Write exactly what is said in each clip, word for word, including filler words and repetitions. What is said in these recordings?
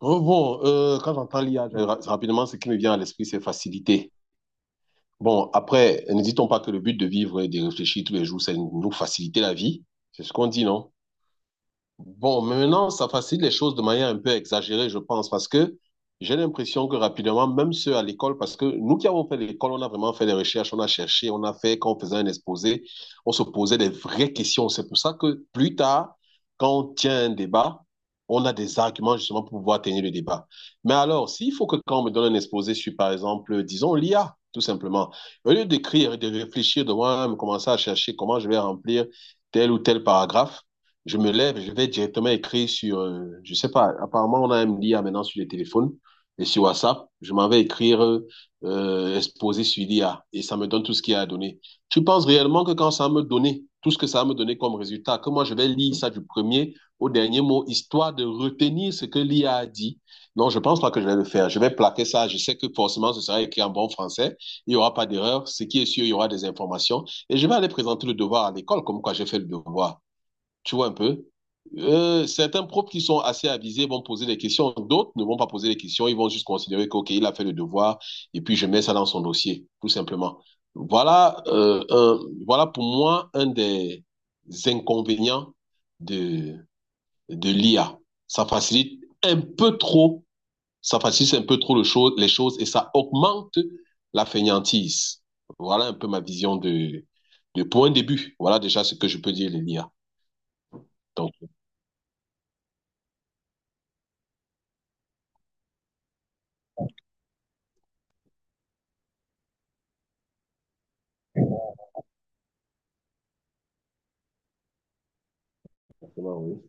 Oh, bon, euh, quand j'entends l'I A, je- ra- rapidement, ce qui me vient à l'esprit, c'est facilité. Bon, après, n'hésitons pas que le but de vivre et de réfléchir tous les jours, c'est nous faciliter la vie. C'est ce qu'on dit, non? Bon, mais maintenant, ça facilite les choses de manière un peu exagérée, je pense, parce que j'ai l'impression que rapidement, même ceux à l'école, parce que nous qui avons fait l'école, on a vraiment fait des recherches, on a cherché, on a fait, quand on faisait un exposé, on se posait des vraies questions. C'est pour ça que plus tard, quand on tient un débat, on a des arguments justement pour pouvoir tenir le débat. Mais alors, s'il faut que quand on me donne un exposé sur, par exemple, disons l'I A, tout simplement, au lieu d'écrire et de réfléchir, de moi-même commencer à chercher comment je vais remplir tel ou tel paragraphe, je me lève, je vais directement écrire sur, euh, je sais pas, apparemment on a un M D A maintenant sur les téléphones et sur WhatsApp, je m'en vais écrire euh, exposé sur l'I A et ça me donne tout ce qu'il y a à donner. Tu penses réellement que quand ça va me donner, tout ce que ça va me donner comme résultat, que moi je vais lire ça du premier au dernier mot, histoire de retenir ce que l'IA a a dit. Non, je pense pas que je vais le faire. Je vais plaquer ça. Je sais que forcément, ce sera écrit en bon français. Il y aura pas d'erreur. Ce qui est sûr, il y aura des informations. Et je vais aller présenter le devoir à l'école, comme quoi j'ai fait le devoir. Tu vois un peu? Euh, certains profs qui sont assez avisés vont poser des questions, d'autres ne vont pas poser des questions, ils vont juste considérer que, OK, il a fait le devoir, et puis je mets ça dans son dossier, tout simplement. Voilà, euh, un- voilà pour moi un des inconvénients de, de l'I A. Ça facilite un peu trop, ça facilite un peu trop le cho- les choses et ça augmente la fainéantise. Voilà un peu ma vision de, de, pour un début. Voilà déjà ce que je peux dire de l'I A. Donc, oui.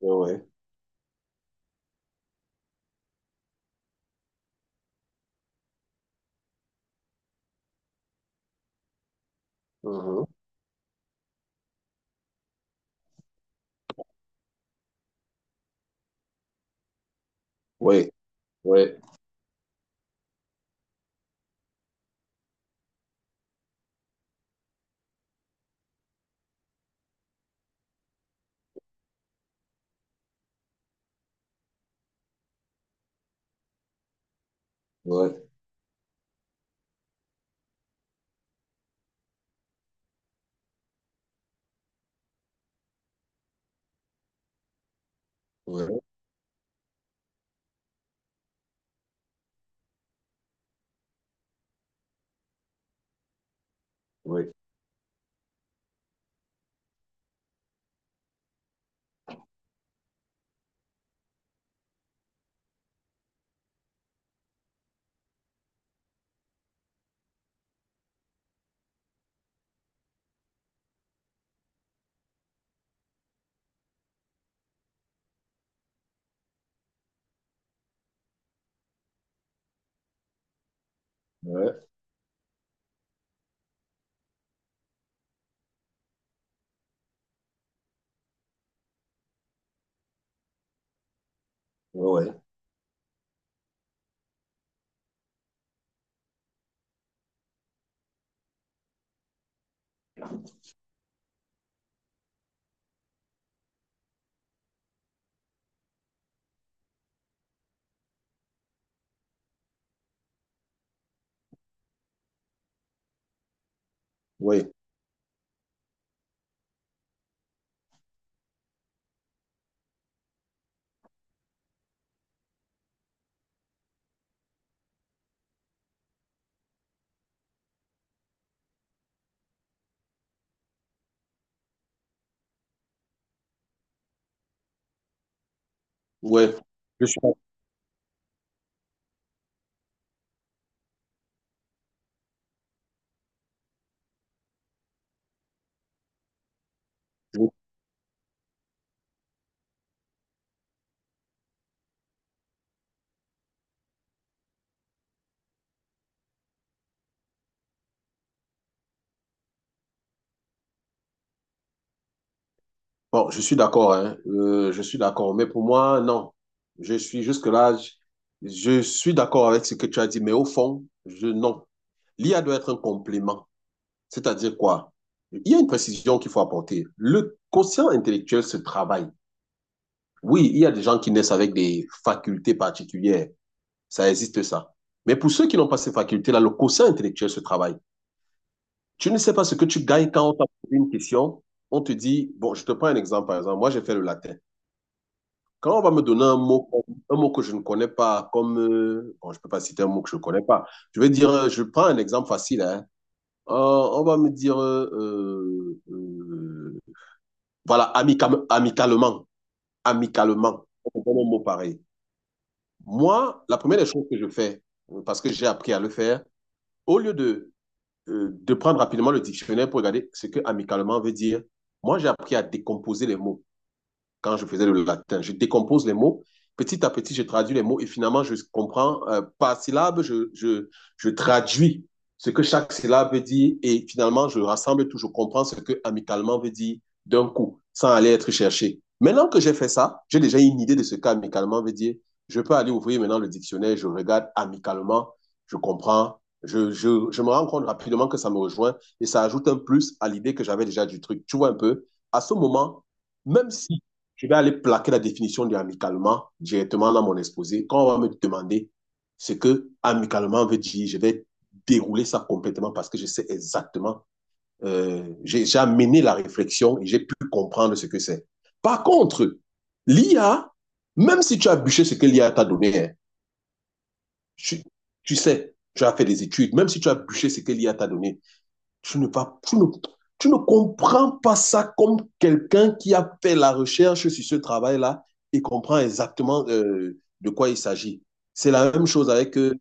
Ouais. Mhm. Ouais. Ouais. Ouais. Ouais. Ouais. Ouais. Ouais. Ouais. Ouais. Je suis, je- bon, je suis d'accord, hein. Euh, je suis d'accord. Mais pour moi, non. Je suis jusque-là, je, je suis d'accord avec ce que tu as dit, mais au fond, je, non. L'I A doit être un complément. C'est-à-dire quoi? Il y a une précision qu'il faut apporter. Le quotient intellectuel se travaille. Oui, il y a des gens qui naissent avec des facultés particulières. Ça existe ça. Mais pour ceux qui n'ont pas ces facultés-là, le quotient intellectuel se travaille. Tu ne sais pas ce que tu gagnes quand on t'a posé une question. On te dit, bon, je te prends un exemple, par exemple. Moi, j'ai fait le latin. Quand on va me donner un mot, un mot que je ne connais pas, comme, euh, bon, je ne peux pas citer un mot que je ne connais pas. Je vais dire, euh, je prends un exemple facile, hein. Euh, on va me dire, euh, euh, euh, voilà, amica- amicalement, amicalement, on donne un mot pareil. Moi, la première des choses que je fais, parce que j'ai appris à le faire, au lieu de euh, de prendre rapidement le dictionnaire pour regarder ce que amicalement veut dire. Moi, j'ai appris à décomposer les mots quand je faisais le latin. Je décompose les mots. Petit à petit, je traduis les mots et finalement, je comprends euh, par syllabe, je, je, je traduis ce que chaque syllabe veut dire et finalement, je rassemble tout, je comprends ce que amicalement veut dire d'un coup, sans aller être cherché. Maintenant que j'ai fait ça, j'ai déjà une idée de ce qu'amicalement veut dire. Je peux aller ouvrir maintenant le dictionnaire, je regarde amicalement, je comprends, je, je, je me rends compte rapidement que ça me rejoint et ça ajoute un plus à l'idée que j'avais déjà du truc. Tu vois un peu, à ce moment, même si je vais aller plaquer la définition de amicalement directement dans mon exposé. Quand on va me demander ce que amicalement veut dire, je vais dérouler ça complètement parce que je sais exactement, euh, j'ai amené la réflexion et j'ai pu comprendre ce que c'est. Par contre, l'I A, même si tu as bûché ce que l'I A t'a donné, hein, tu, tu sais, tu as fait des études, même si tu as bûché ce que l'I A t'a donné, tu ne, vas, tu ne, tu ne comprends pas ça comme quelqu'un qui a fait la recherche sur ce travail-là et comprend exactement euh, de quoi il s'agit. C'est la même chose avec. euh,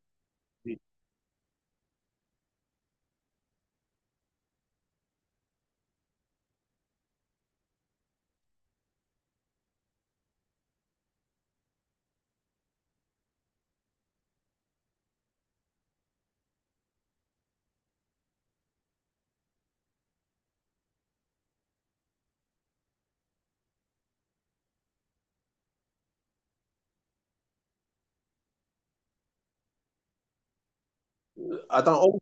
Attends, on,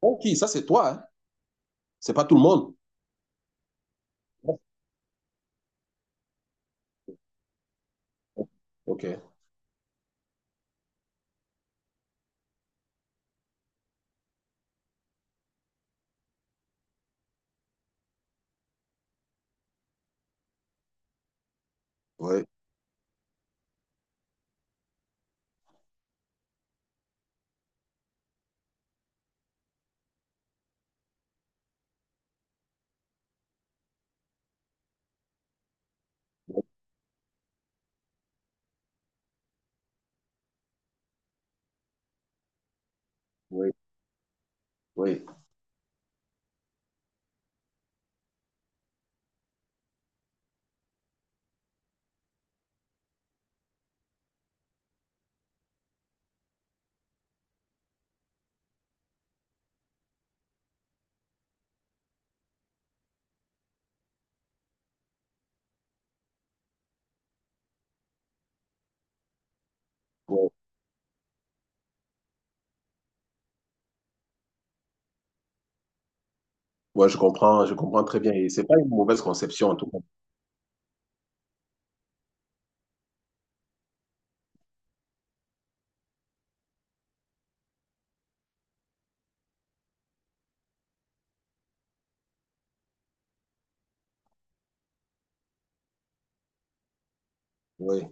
on qui? Ça, c'est toi, hein? C'est pas tout le monde. Ok, oui, oui, oui. Ouais, ouais, je comprends, je comprends très bien. Et c'est pas une mauvaise conception, en tout cas. Oui,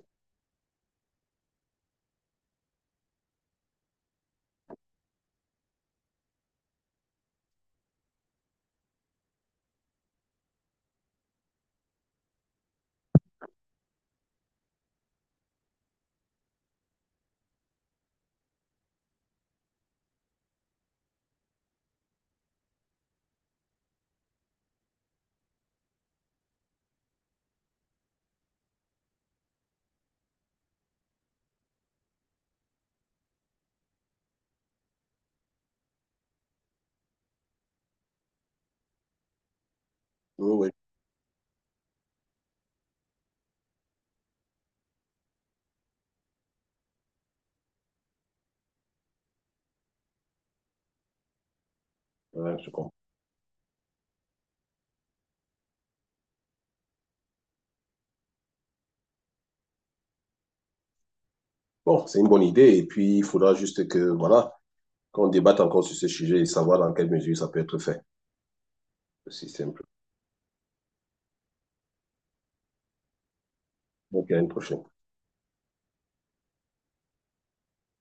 oui, oui, ouais, je comprends. Bon, c'est une bonne idée. Et puis, il faudra juste que, voilà, qu'on débatte encore sur ce sujet et savoir dans quelle mesure ça peut être fait, le système. Donc à une prochaine.